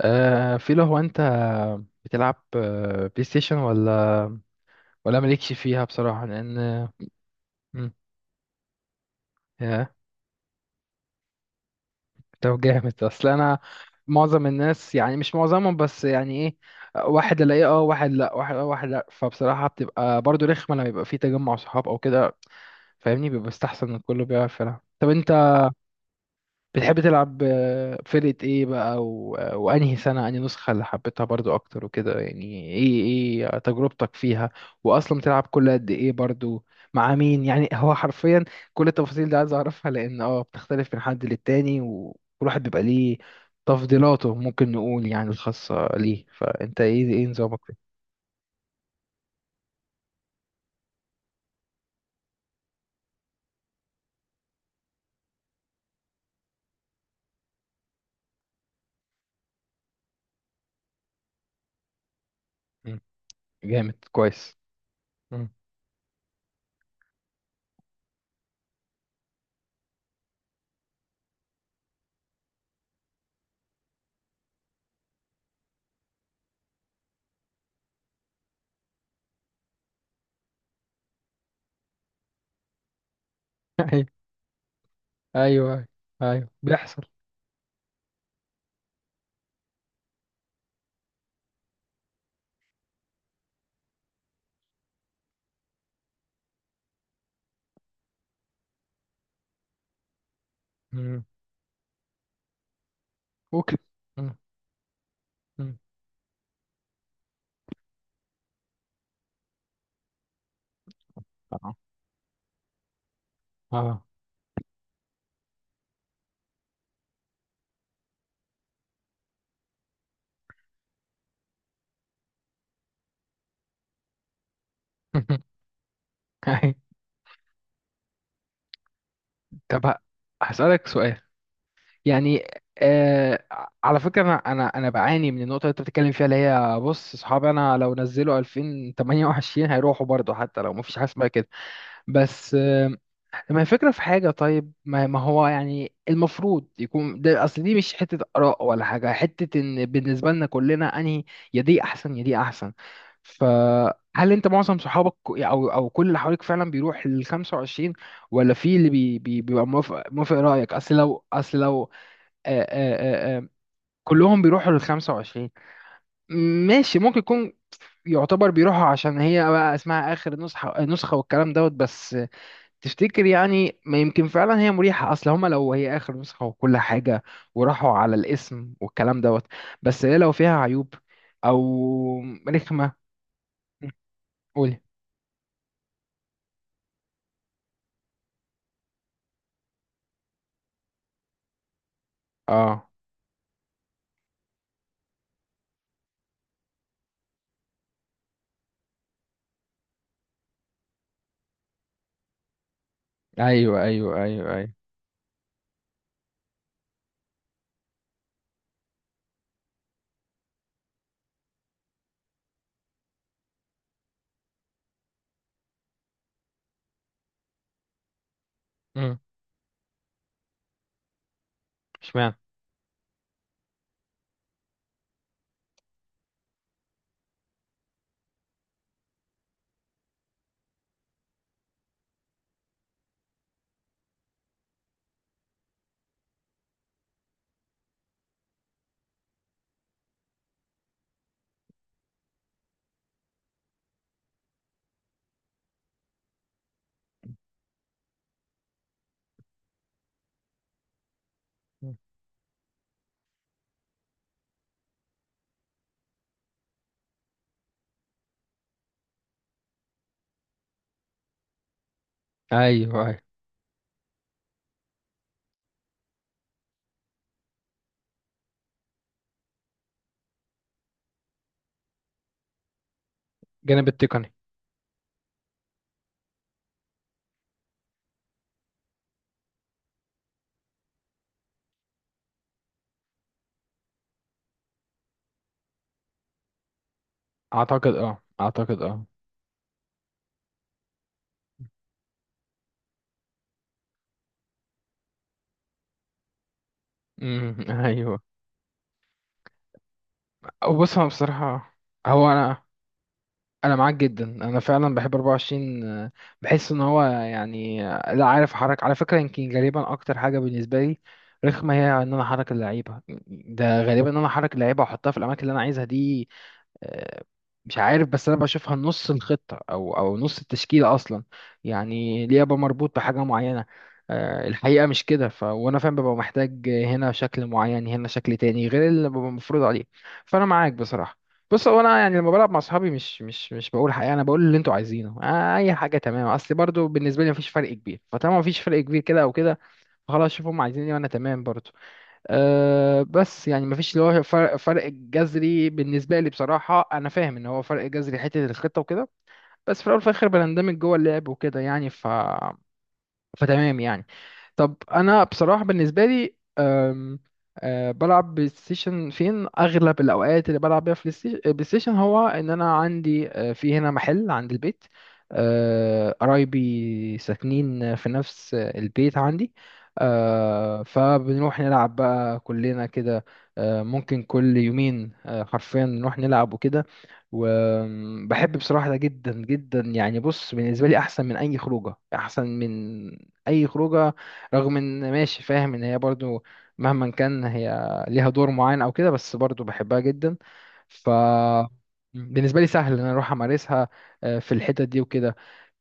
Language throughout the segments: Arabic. في لو هو انت بتلعب بلاي ستيشن ولا مالكش فيها بصراحة لان مم، يا طب جامد، اصل انا معظم الناس يعني مش معظمهم بس يعني ايه، واحد الاقيه اه واحد لا واحد اه واحد لا، فبصراحة بتبقى برضو رخمة لما يبقى في تجمع صحاب او كده. فاهمني بيبقى استحسن ان كله بيعرف يلعب. طب انت بتحب تلعب فرقة ايه بقى وانهي سنة، انهي نسخة اللي حبيتها برضو اكتر وكده يعني؟ ايه ايه تجربتك فيها؟ واصلا بتلعب كل قد ايه برضو؟ مع مين يعني؟ هو حرفيا كل التفاصيل دي عايز اعرفها، لان اه بتختلف من حد للتاني وكل واحد بيبقى ليه تفضيلاته، ممكن نقول يعني الخاصة ليه. فانت ايه ايه نظامك فيه؟ مم. جامد، كويس. مم. ايوه ايوه ايوه، بيحصل. مم. اوكي. مم. مم. اه. اه. أي. طب هسألك سؤال. يعني آه على فكرة، أنا بعاني من النقطة اللي أنت بتتكلم فيها، اللي هي بص، أصحابي أنا لو نزلوا 2028 هيروحوا برضه حتى لو مفيش حاجة اسمها كده. بس ما هي فكرة في حاجة. طيب ما هو يعني المفروض يكون ده أصل، دي مش حتة آراء ولا حاجة، حتة إن بالنسبة لنا كلنا أنهي يا دي أحسن يا دي أحسن. فهل أنت معظم صحابك أو كل اللي حواليك فعلا بيروح لل 25، ولا في اللي بي بيبقى موافق رأيك؟ أصل لو، أصل لو، آآ آآ آآ كلهم بيروحوا لل 25 ماشي، ممكن يكون يعتبر بيروحوا عشان هي بقى اسمها آخر نسخة والكلام دوت بس. تفتكر يعني ما يمكن فعلا هي مريحة؟ اصل هما لو هي اخر نسخة وكل حاجة وراحوا على الاسم والكلام دوت، بس هي لو فيها عيوب او رخمة. قولي. اه ايوه ايوه ايوه ايوه. امم. اشمعنى؟ مم. ايوه ايوه. الجانب التقني. اعتقد اه، اعتقد اه. امم ايوه. أو بص هو بصراحة، هو انا، انا معاك جدا. انا فعلا بحب 24، بحس ان هو يعني، لا عارف احرك على فكره، يمكن غالبا اكتر حاجه بالنسبه لي رخمه هي ان انا احرك اللعيبه. ده غالبا ان انا احرك اللعيبه واحطها في الاماكن اللي انا عايزها دي. آه، مش عارف بس انا بشوفها نص الخطه او او نص التشكيله اصلا. يعني ليه ابقى مربوط بحاجه معينه؟ الحقيقه مش كده. ف وانا فاهم ببقى محتاج هنا شكل معين هنا شكل تاني غير اللي ببقى مفروض عليه. فانا معاك بصراحه. بص هو انا يعني لما بلعب مع اصحابي، مش بقول حقيقه انا بقول اللي انتوا عايزينه، اي حاجه تمام، اصل برضو بالنسبه لي مفيش فرق كبير، فطالما مفيش فرق كبير كده او كده خلاص شوف هم عايزين ايه وانا تمام برضو. أه، بس يعني مفيش اللي هو فرق جذري بالنسبة لي بصراحة. أنا فاهم إن هو فرق جذري حتة الخطة وكده، بس في الأول وفي الآخر بنندمج جوه اللعب وكده يعني. ف فتمام يعني. طب انا بصراحه بالنسبه لي بلعب بلاي ستيشن، فين اغلب الاوقات اللي بلعب بيها في بلاي ستيشن، هو ان انا عندي في هنا محل عند البيت. قرايبي ساكنين في نفس البيت عندي، فبنروح نلعب بقى كلنا كده. ممكن كل يومين حرفيا نروح نلعب وكده. وبحب بصراحة ده جدا جدا. يعني بص بالنسبة لي أحسن من أي خروجة، أحسن من اي خروجه. رغم ان ماشي فاهم ان هي برضو مهما كان هي ليها دور معين او كده، بس برضو بحبها جدا. ف بالنسبه لي سهل ان انا اروح امارسها في الحتت دي وكده.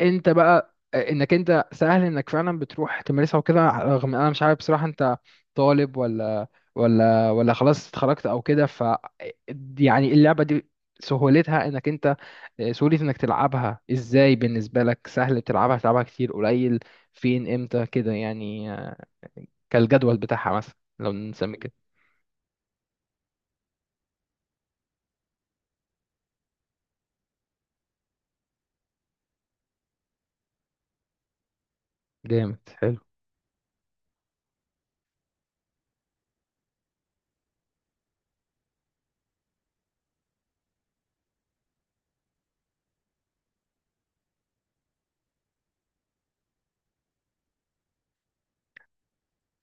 انت بقى انك انت سهل انك فعلا بتروح تمارسها وكده؟ رغم انا مش عارف بصراحة انت طالب ولا ولا ولا خلاص اتخرجت او كده. ف يعني اللعبة دي سهولتها انك انت، سهولة انك تلعبها ازاي بالنسبة لك، سهل تلعبها، تلعبها كتير قليل، فين امتى كده يعني، كالجدول بتاعها مثلا لو نسمي كده. جامد، حلو.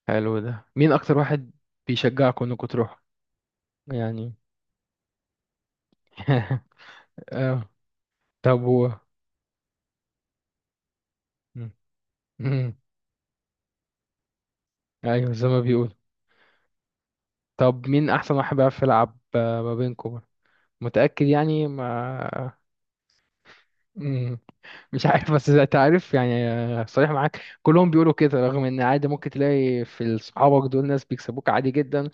حلو. ده مين اكتر واحد بيشجعكم انكم تروحوا يعني؟ اه. طب و. ايوه، زي ما بيقول. طب مين احسن واحد بيعرف يلعب ما بينكم؟ متأكد يعني؟ ما مم. مش عارف بس انت عارف يعني، صريح معاك، كلهم بيقولوا كده رغم ان عادي ممكن تلاقي في صحابك دول ناس بيكسبوك عادي جدا.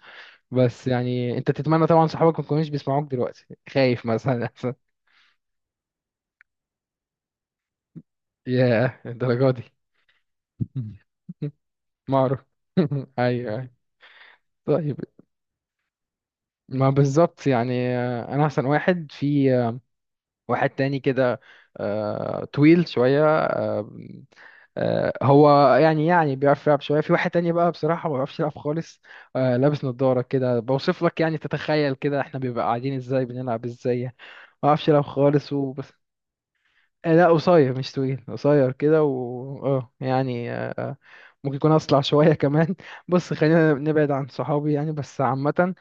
بس يعني انت تتمنى طبعا صحابك ما يكونوش بيسمعوك دلوقتي خايف مثلا. يا الدرجة دي؟ معرف. ايوه، أيوة. طيب. ما بالظبط يعني، انا احسن واحد في. واحد تاني كده طويل شوية، هو يعني يعني بيعرف يلعب شوية. في واحد تاني بقى بصراحة ما بيعرفش يلعب خالص، لابس نظارة كده بوصف لك. يعني تتخيل كده احنا بيبقى قاعدين ازاي بنلعب ازاي يعني. ما بيعرفش يلعب خالص وبس. لا قصير، مش طويل، قصير كده. و اه يعني ممكن يكون اصلع شوية كمان. بص خلينا نبعد عن صحابي يعني بس عامة.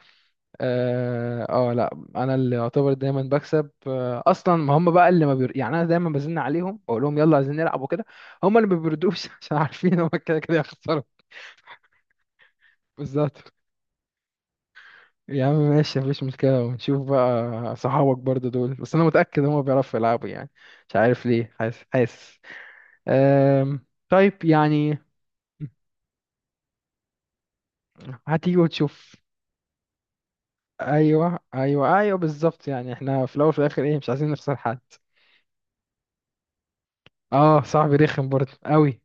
اه لا انا اللي يعتبر دايما بكسب، اصلا ما هم بقى اللي ما بير... يعني انا دايما بزن عليهم واقول لهم يلا عايزين نلعب وكده. هم اللي ما بيردوش عشان عارفين هم كده كده هيخسروا. بالظبط. يا عم ماشي مفيش مشكله، ونشوف بقى صحابك برضو دول، بس انا متاكد هم بيعرفوا يلعبوا يعني. مش عارف ليه حاسس، حاسس. طيب يعني. هتيجي وتشوف. ايوه ايوه ايوه بالظبط. يعني احنا في الاول وفي الاخر ايه، مش عايزين نخسر حد. اه صاحبي رخم برضه قوي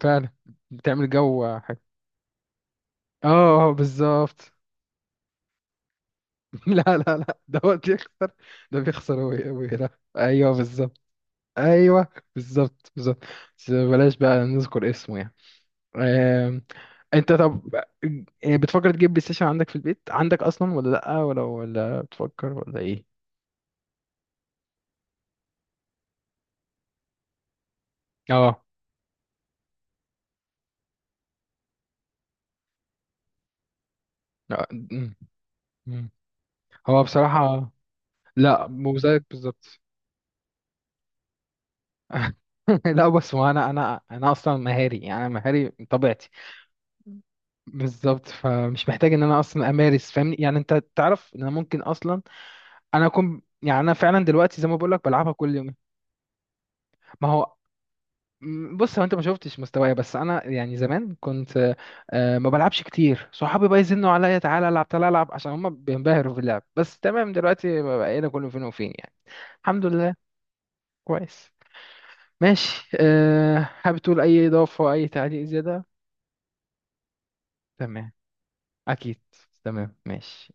فعلا. بتعمل جو حاجة. اه بالظبط. لا لا لا، ده هو بيخسر. ده بيخسر ويرا. ايوه بالظبط. ايوه بالظبط بالظبط. بس بلاش بقى نذكر اسمه يعني. آم، انت طب بتفكر تجيب بلاي ستيشن عندك في البيت؟ عندك اصلا ولا لا؟ ولا ولا بتفكر ولا ايه؟ اه. لا مم. هو بصراحة. لا مو زيك بالظبط. لا بس هو انا، انا اصلا مهاري. يعني انا مهاري من طبيعتي. بالظبط، فمش محتاج ان انا اصلا امارس. فاهمني يعني، انت تعرف ان انا ممكن اصلا، انا اكون يعني انا فعلا دلوقتي زي ما بقول لك بلعبها كل يوم. ما هو بص هو انت ما شفتش مستواي، بس انا يعني زمان كنت ما بلعبش كتير، صحابي بقى يزنوا عليا تعالى العب تعالى العب عشان هم بينبهروا في اللعب، بس تمام دلوقتي بقينا كله فين وفين يعني. الحمد لله. كويس. ماشي. أه حابب تقول اي اضافه، اي تعليق، زياده؟ تمام. اكيد. تمام ماشي.